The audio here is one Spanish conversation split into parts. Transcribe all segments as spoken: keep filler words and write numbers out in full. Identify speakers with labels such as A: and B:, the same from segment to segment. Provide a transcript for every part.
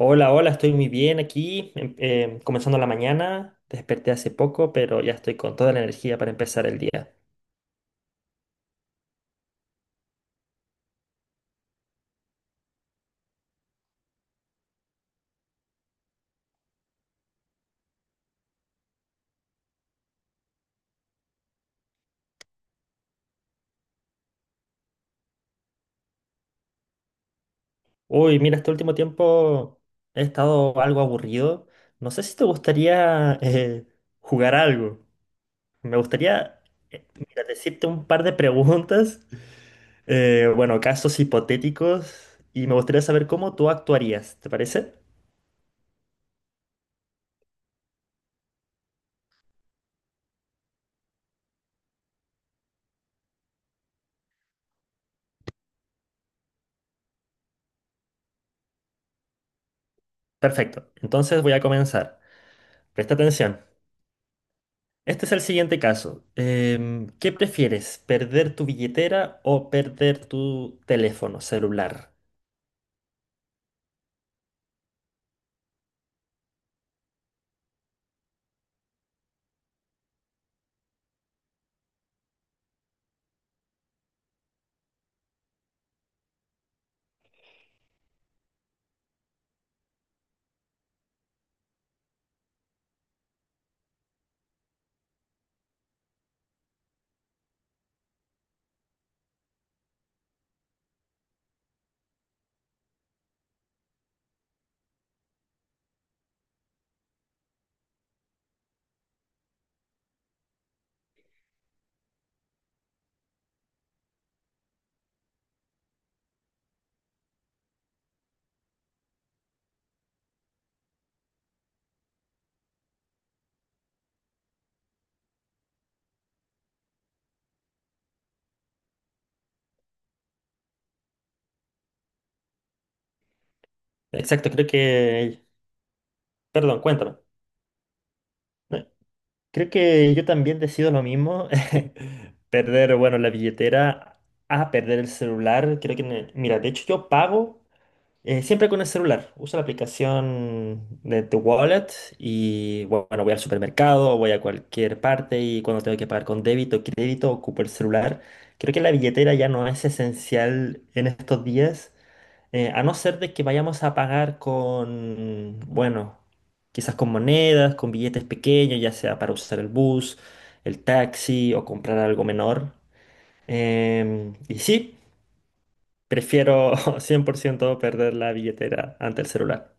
A: Hola, hola, estoy muy bien aquí, em- em, comenzando la mañana, desperté hace poco, pero ya estoy con toda la energía para empezar el día. Uy, mira, este último tiempo he estado algo aburrido. No sé si te gustaría eh, jugar algo. Me gustaría, eh, mira, decirte un par de preguntas, eh, bueno, casos hipotéticos, y me gustaría saber cómo tú actuarías, ¿te parece? Perfecto, entonces voy a comenzar. Presta atención. Este es el siguiente caso. Em, ¿qué prefieres, perder tu billetera o perder tu teléfono celular? Exacto, creo que... Perdón, cuéntame. Eh, Creo que yo también decido lo mismo. Perder, bueno, la billetera a perder el celular. Creo que... ne- Mira, de hecho yo pago. Eh, siempre con el celular. Uso la aplicación de The Wallet y bu- bueno, voy al supermercado, voy a cualquier parte y cuando tengo que pagar con débito o crédito, ocupo el celular. Creo que la billetera ya no es esencial en estos días, eh, a no ser de que vayamos a pagar con, bueno, quizás con monedas, con billetes pequeños, ya sea para usar el bus, el taxi o comprar algo menor. Em, y sí. Prefiero cien por ciento perder la billetera ante el celular.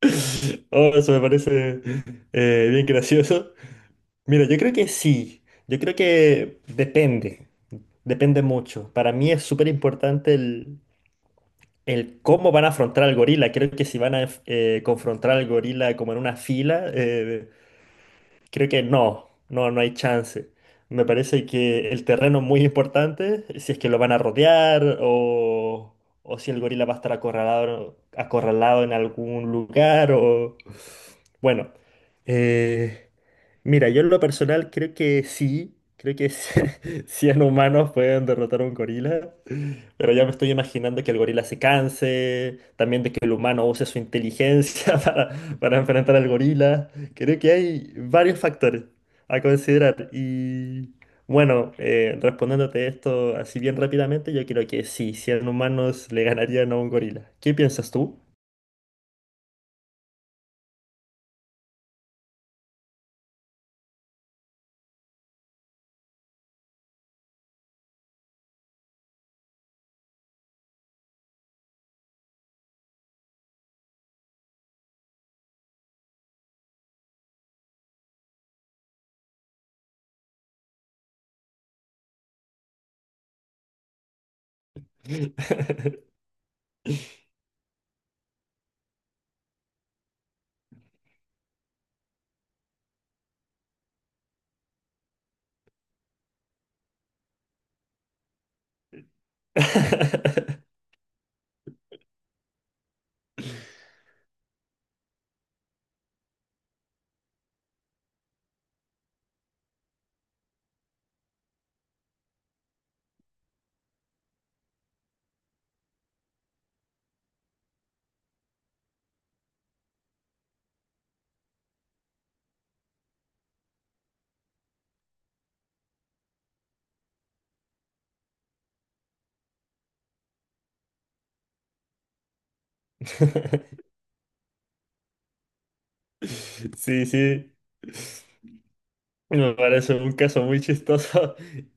A: Oh, eso me parece eh, bien gracioso. Mira, yo creo que sí. Yo creo que depende. Depende mucho. Para mí es súper importante el, el cómo van a afrontar al gorila. Creo que si van a eh, confrontar al gorila como en una fila, eh, creo que no, no, no hay chance. Me parece que el terreno es muy importante, si es que lo van a rodear o, o si el gorila va a estar acorralado, acorralado en algún lugar o... Bueno, eh, mira, yo en lo personal creo que sí, creo que cien humanos pueden derrotar a un gorila, pero ya me estoy imaginando que el gorila se canse, también de que el humano use su inteligencia para, para enfrentar al gorila. Creo que hay varios factores a considerar y bueno, eh, respondiéndote esto así bien rápidamente, yo creo que sí, cien humanos le ganarían a un gorila. ¿Qué piensas tú? Sí, sí, me parece un caso muy chistoso.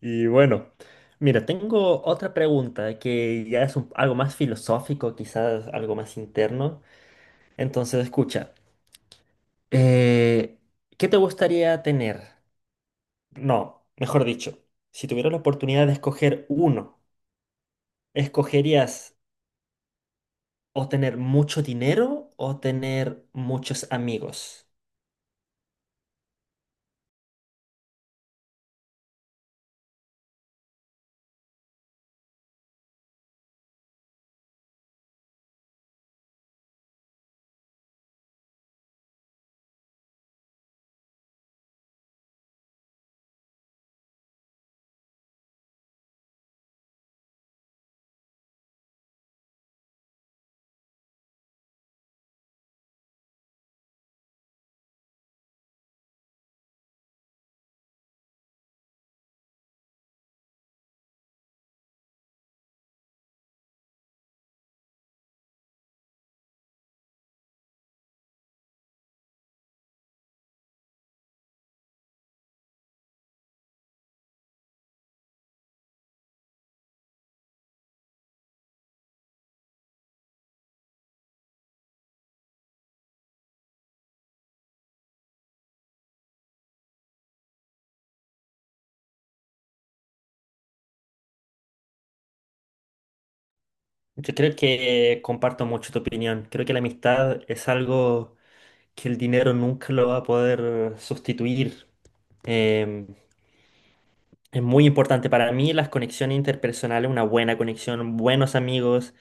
A: Y bueno, mira, tengo otra pregunta que ya es un- algo más filosófico, quizás algo más interno. Entonces, escucha. Eh, ¿qué te gustaría tener? No, mejor dicho, si tuvieras la oportunidad de escoger uno, ¿escogerías o tener mucho dinero o tener muchos amigos? Yo creo que comparto mucho tu opinión. Creo que la amistad es algo que el dinero nunca lo va a poder sustituir. Em, Es muy importante para mí las conexiones interpersonales, una buena conexión, buenos amigos.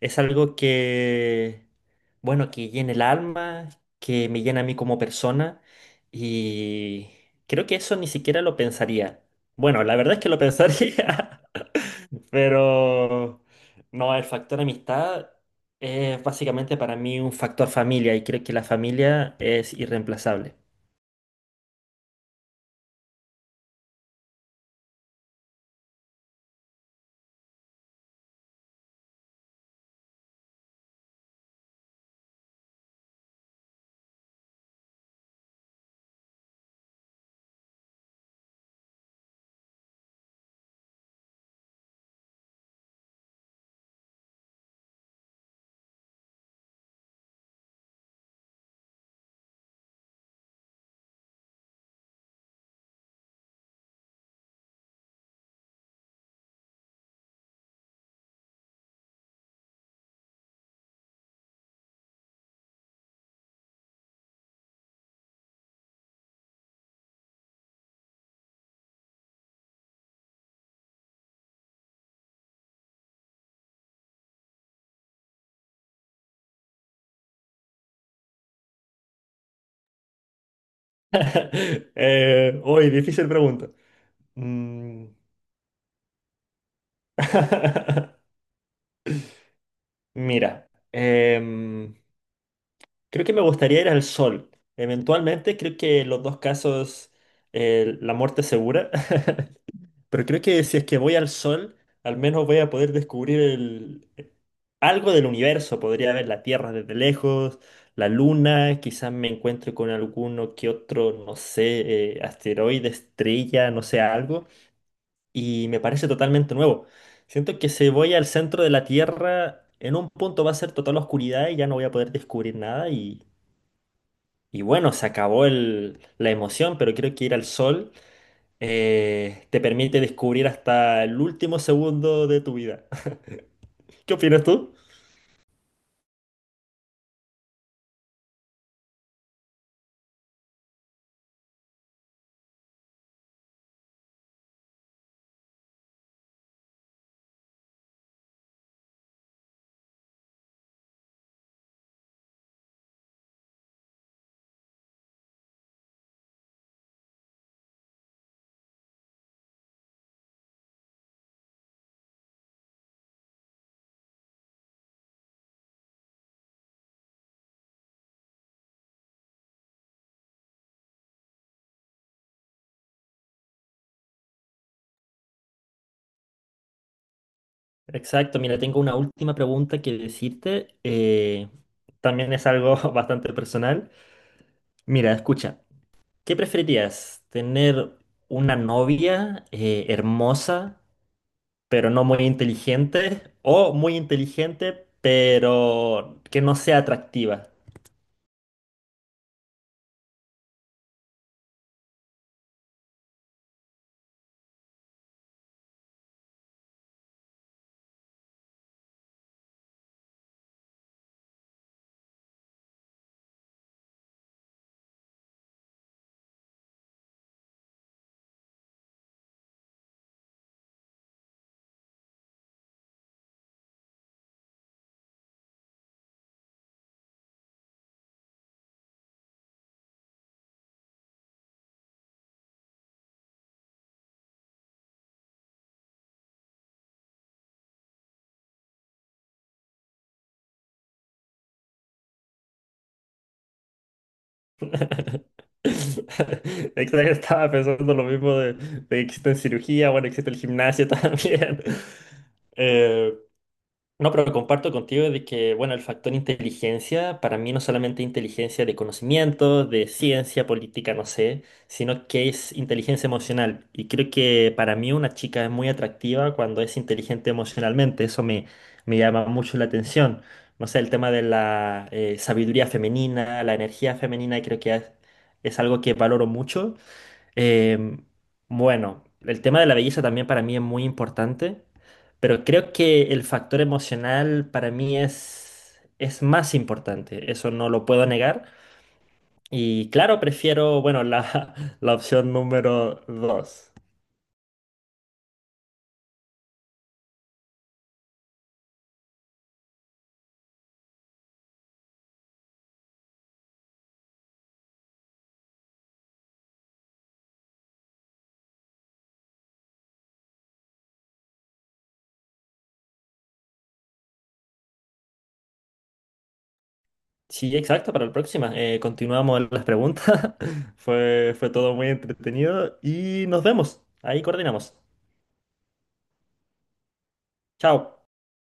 A: Es algo que, bueno, que llena el alma, que me llena a mí como persona. Y creo que eso ni siquiera lo pensaría. Bueno, la verdad es que lo pensaría, pero no, el factor amistad es básicamente para mí un factor familia y creo que la familia es irreemplazable. eh, uy, difícil pregunta. Mm. Mira, em, creo que me gustaría ir al sol. Eventualmente, creo que los dos casos, eh, la muerte es segura. Pero creo que si es que voy al sol, al menos voy a poder descubrir el- eh, algo del universo. Podría ver la Tierra desde lejos, la Luna, quizás me encuentre con alguno que otro, no sé, eh, asteroide, estrella, no sé, algo. Y me parece totalmente nuevo. Siento que si voy al centro de la Tierra, en un punto va a ser total oscuridad y ya no voy a poder descubrir nada y, y bueno, se acabó el- la emoción, pero creo que ir al sol eh, te permite descubrir hasta el último segundo de tu vida. ¿Qué opinas tú? Exacto, mira, tengo una última pregunta que decirte. eh, también es algo bastante personal. Mira, escucha, ¿qué preferirías? ¿Tener una novia eh, hermosa pero no muy inteligente, o muy inteligente, pero que no sea atractiva? Exacto, estaba pensando lo mismo de, de que existe en cirugía, bueno, existe el gimnasio también. Eh, No, pero comparto contigo de que, bueno, el factor inteligencia, para mí no solamente inteligencia de conocimiento, de ciencia, política, no sé, sino que es inteligencia emocional. Y creo que para mí una chica es muy atractiva cuando es inteligente emocionalmente, eso me, me llama mucho la atención. No sé, el tema de la eh, sabiduría femenina, la energía femenina, creo que es, es algo que valoro mucho. Em, bueno, el tema de la belleza también para mí es muy importante, pero creo que el factor emocional para mí es, es más importante, eso no lo puedo negar. Y claro, prefiero, bueno, la, la opción número dos. Sí, exacto, para la próxima. Eh, continuamos las preguntas. Fue, fue todo muy entretenido y nos vemos. Ahí coordinamos. Chao.